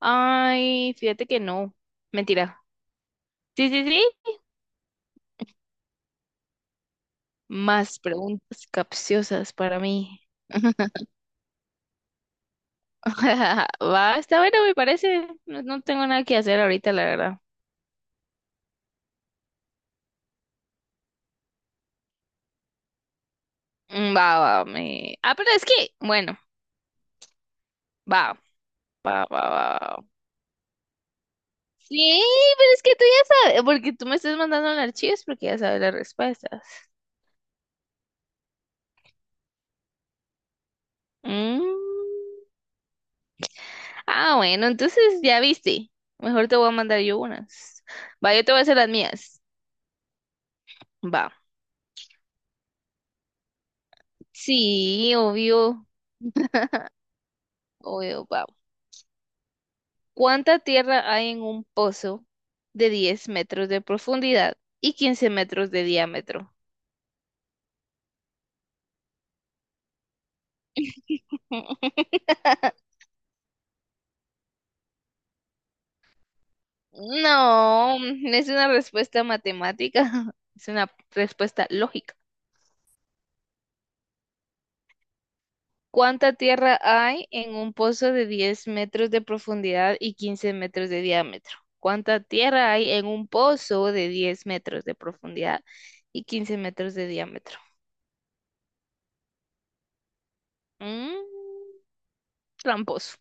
Ay, fíjate que no. Mentira. Sí, sí, sí. Más preguntas capciosas para mí. Va, está bueno, me parece. No, no tengo nada que hacer ahorita, la verdad. Va, va, me. Ah, pero es que, bueno, va, va, va, va, va. Sí, pero es que tú ya sabes, porque tú me estás mandando los archivos porque ya sabes las respuestas. Mm. Ah, bueno, entonces ya viste. Mejor te voy a mandar yo unas. Va, yo te voy a hacer las mías. Va. Sí, obvio, obvio, wow. ¿Cuánta tierra hay en un pozo de 10 metros de profundidad y 15 metros de diámetro? No, es una respuesta matemática, es una respuesta lógica. ¿Cuánta tierra hay en un pozo de 10 metros de profundidad y 15 metros de diámetro? ¿Cuánta tierra hay en un pozo de 10 metros de profundidad y 15 metros de diámetro? Mm, tramposo.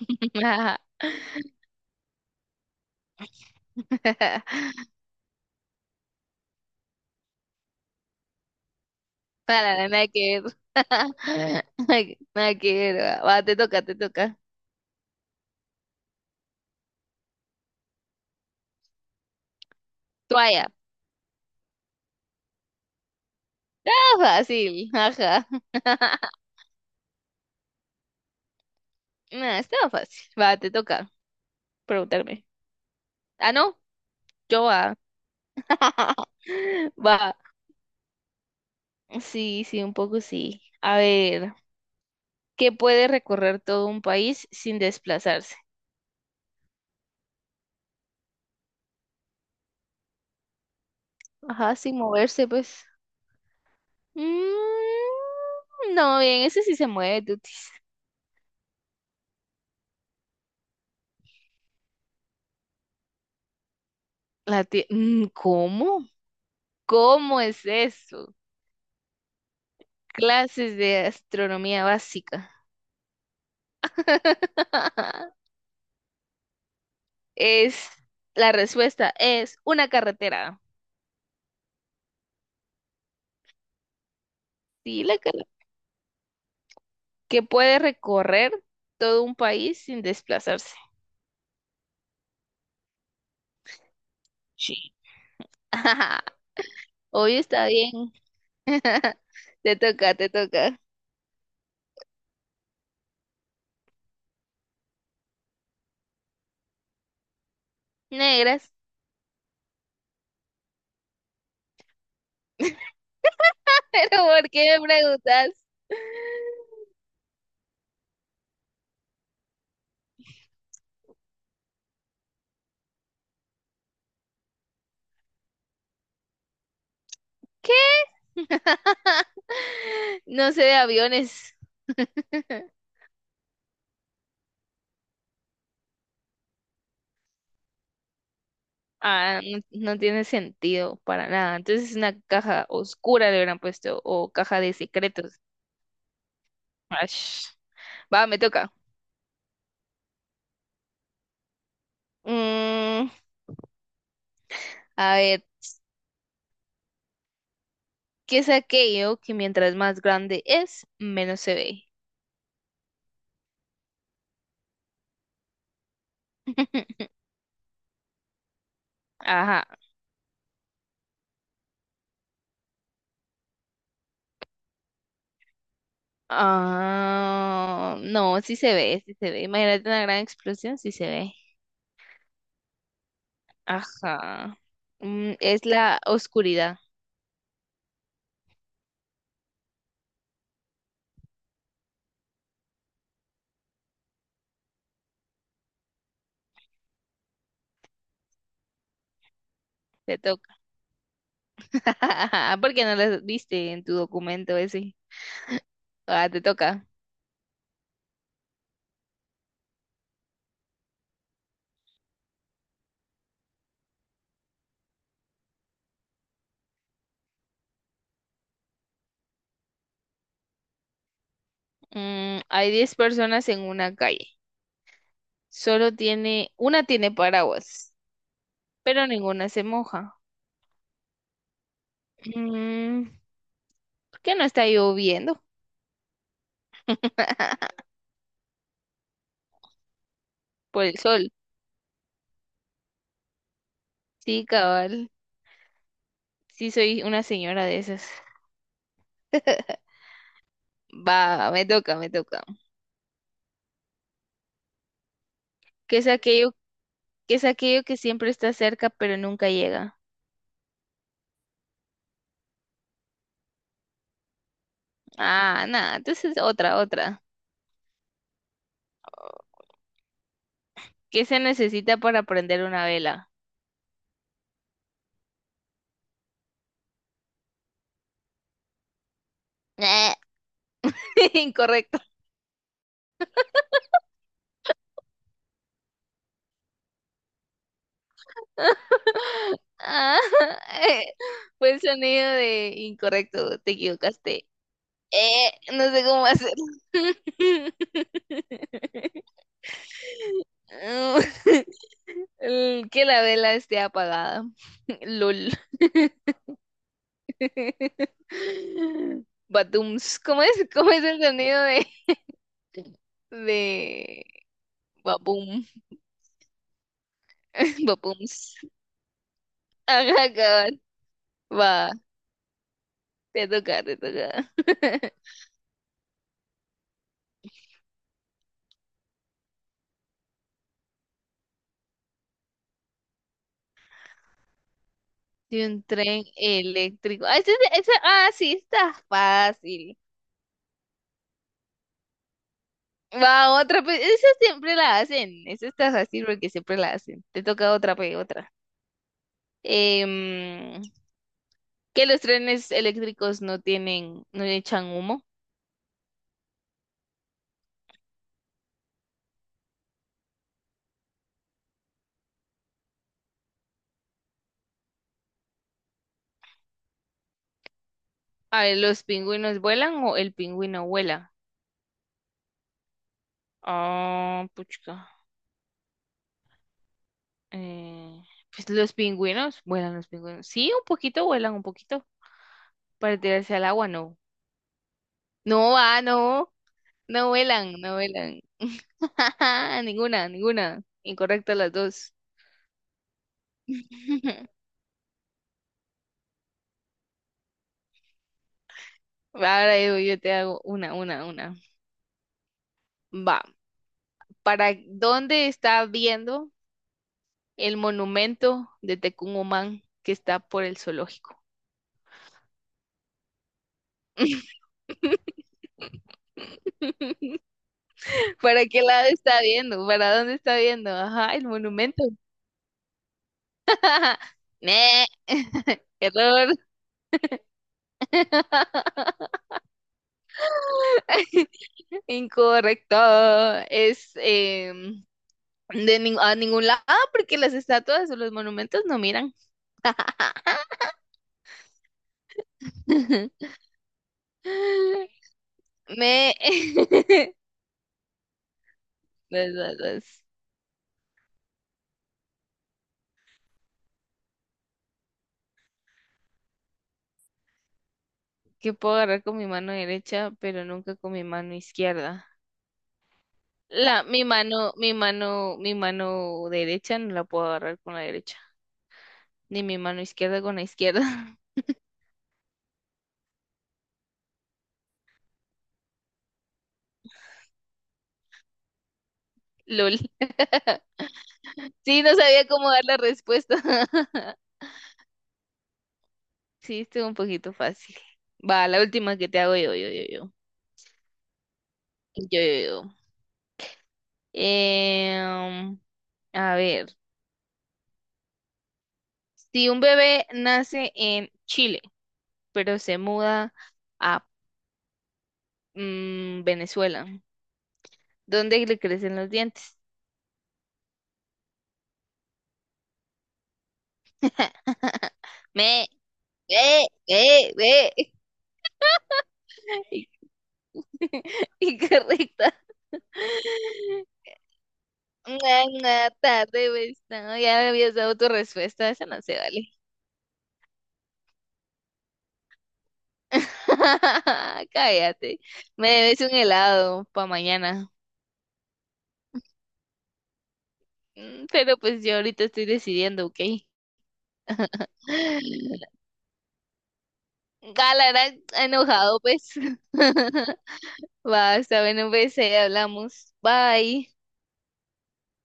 Nada, nada que ver. Nada que ver. Va, te toca, te toca. Toalla. Ah, fácil. Ajá. Nah, estaba fácil. Va, te toca preguntarme. Ah, no, yo va. Va. Sí, sí, un poco sí. A ver, ¿qué puede recorrer todo un país sin desplazarse? Ajá, sin moverse, pues. No, bien, ese sí se mueve, tutis. ¿Cómo? ¿Cómo es eso? Clases de astronomía básica. Es, la respuesta es una carretera. Sí. Que puede recorrer todo un país sin desplazarse. Sí. Hoy está bien. Te toca, te toca. Negras. Pero ¿por qué me preguntas? ¿Qué? No sé de aviones. Ah, no, no tiene sentido para nada. Entonces es una caja oscura, le hubieran puesto, o caja de secretos. Ash. Va, me toca. Mm, a ver, ¿qué es aquello que mientras más grande es, menos se ve? Ajá. Ah, no, sí se ve, sí se ve. Imagínate una gran explosión, sí se ve. Ajá. Es la oscuridad. Te toca. ¿Por qué no la viste en tu documento ese? Ah, te toca. Hay 10 personas en una calle. Una tiene paraguas, pero ninguna se moja. Mm, ¿Por qué no está lloviendo? Por el sol. Sí, cabal. Sí, soy una señora de esas. Va, me toca, me toca. ¿Qué es aquello, qué es aquello que siempre está cerca pero nunca llega? Ah, nada, entonces otra, otra. ¿Qué se necesita para prender una vela? Incorrecto. Ah, eh, fue el sonido de incorrecto, te equivocaste. No sé cómo hacerlo. El Que la vela esté apagada. LOL. Batums. ¿Cómo es? ¿Cómo es el sonido de? Babum? Babums. Ajá, cabal. Va, te toca, te toca. De un tren eléctrico. Ah, sí, está fácil. Va, otra, pues, esa siempre la hacen. Esa está fácil porque siempre la hacen. Te toca otra, pues, otra. Em, que los trenes eléctricos no tienen, no echan humo. A ver, ¿los pingüinos vuelan o el pingüino vuela? Ah, puchca. Eh, pues los pingüinos, vuelan los pingüinos. Sí, un poquito vuelan, un poquito. Para tirarse al agua, no. No va, no. No vuelan, no vuelan. Ninguna, ninguna. Incorrecta las dos. Ahora yo, yo te hago una, una. Va, ¿para dónde está viendo el monumento de Tecumumán que está por el zoológico? ¿Para qué lado está viendo? ¿Para dónde está viendo? Ajá, el monumento. Ne. Error. Incorrecto. Es a ningún lado, porque las estatuas o los monumentos no miran. Me... las- Que puedo agarrar con mi mano derecha, pero nunca con mi mano izquierda. La, mi mano, mi mano, mi mano derecha no la puedo agarrar con la derecha, ni mi mano izquierda con la izquierda. LOL. Sí, no sabía cómo dar la respuesta. Sí, estuvo un poquito fácil. Va, la última que te hago yo, yo, yo, yo. Yo, yo, yo. Em, A ver, si un bebé nace en Chile, pero se muda a Venezuela, ¿dónde le crecen los dientes? Me, ve, ve, ve. Incorrecta. Una tarde, pues, no, ya me habías dado tu respuesta, esa no se vale. Cállate, me debes un helado para mañana. Pero pues yo ahorita estoy decidiendo, ¿ok? Gala era enojado, pues. Va, está bueno, pues, hablamos. Bye.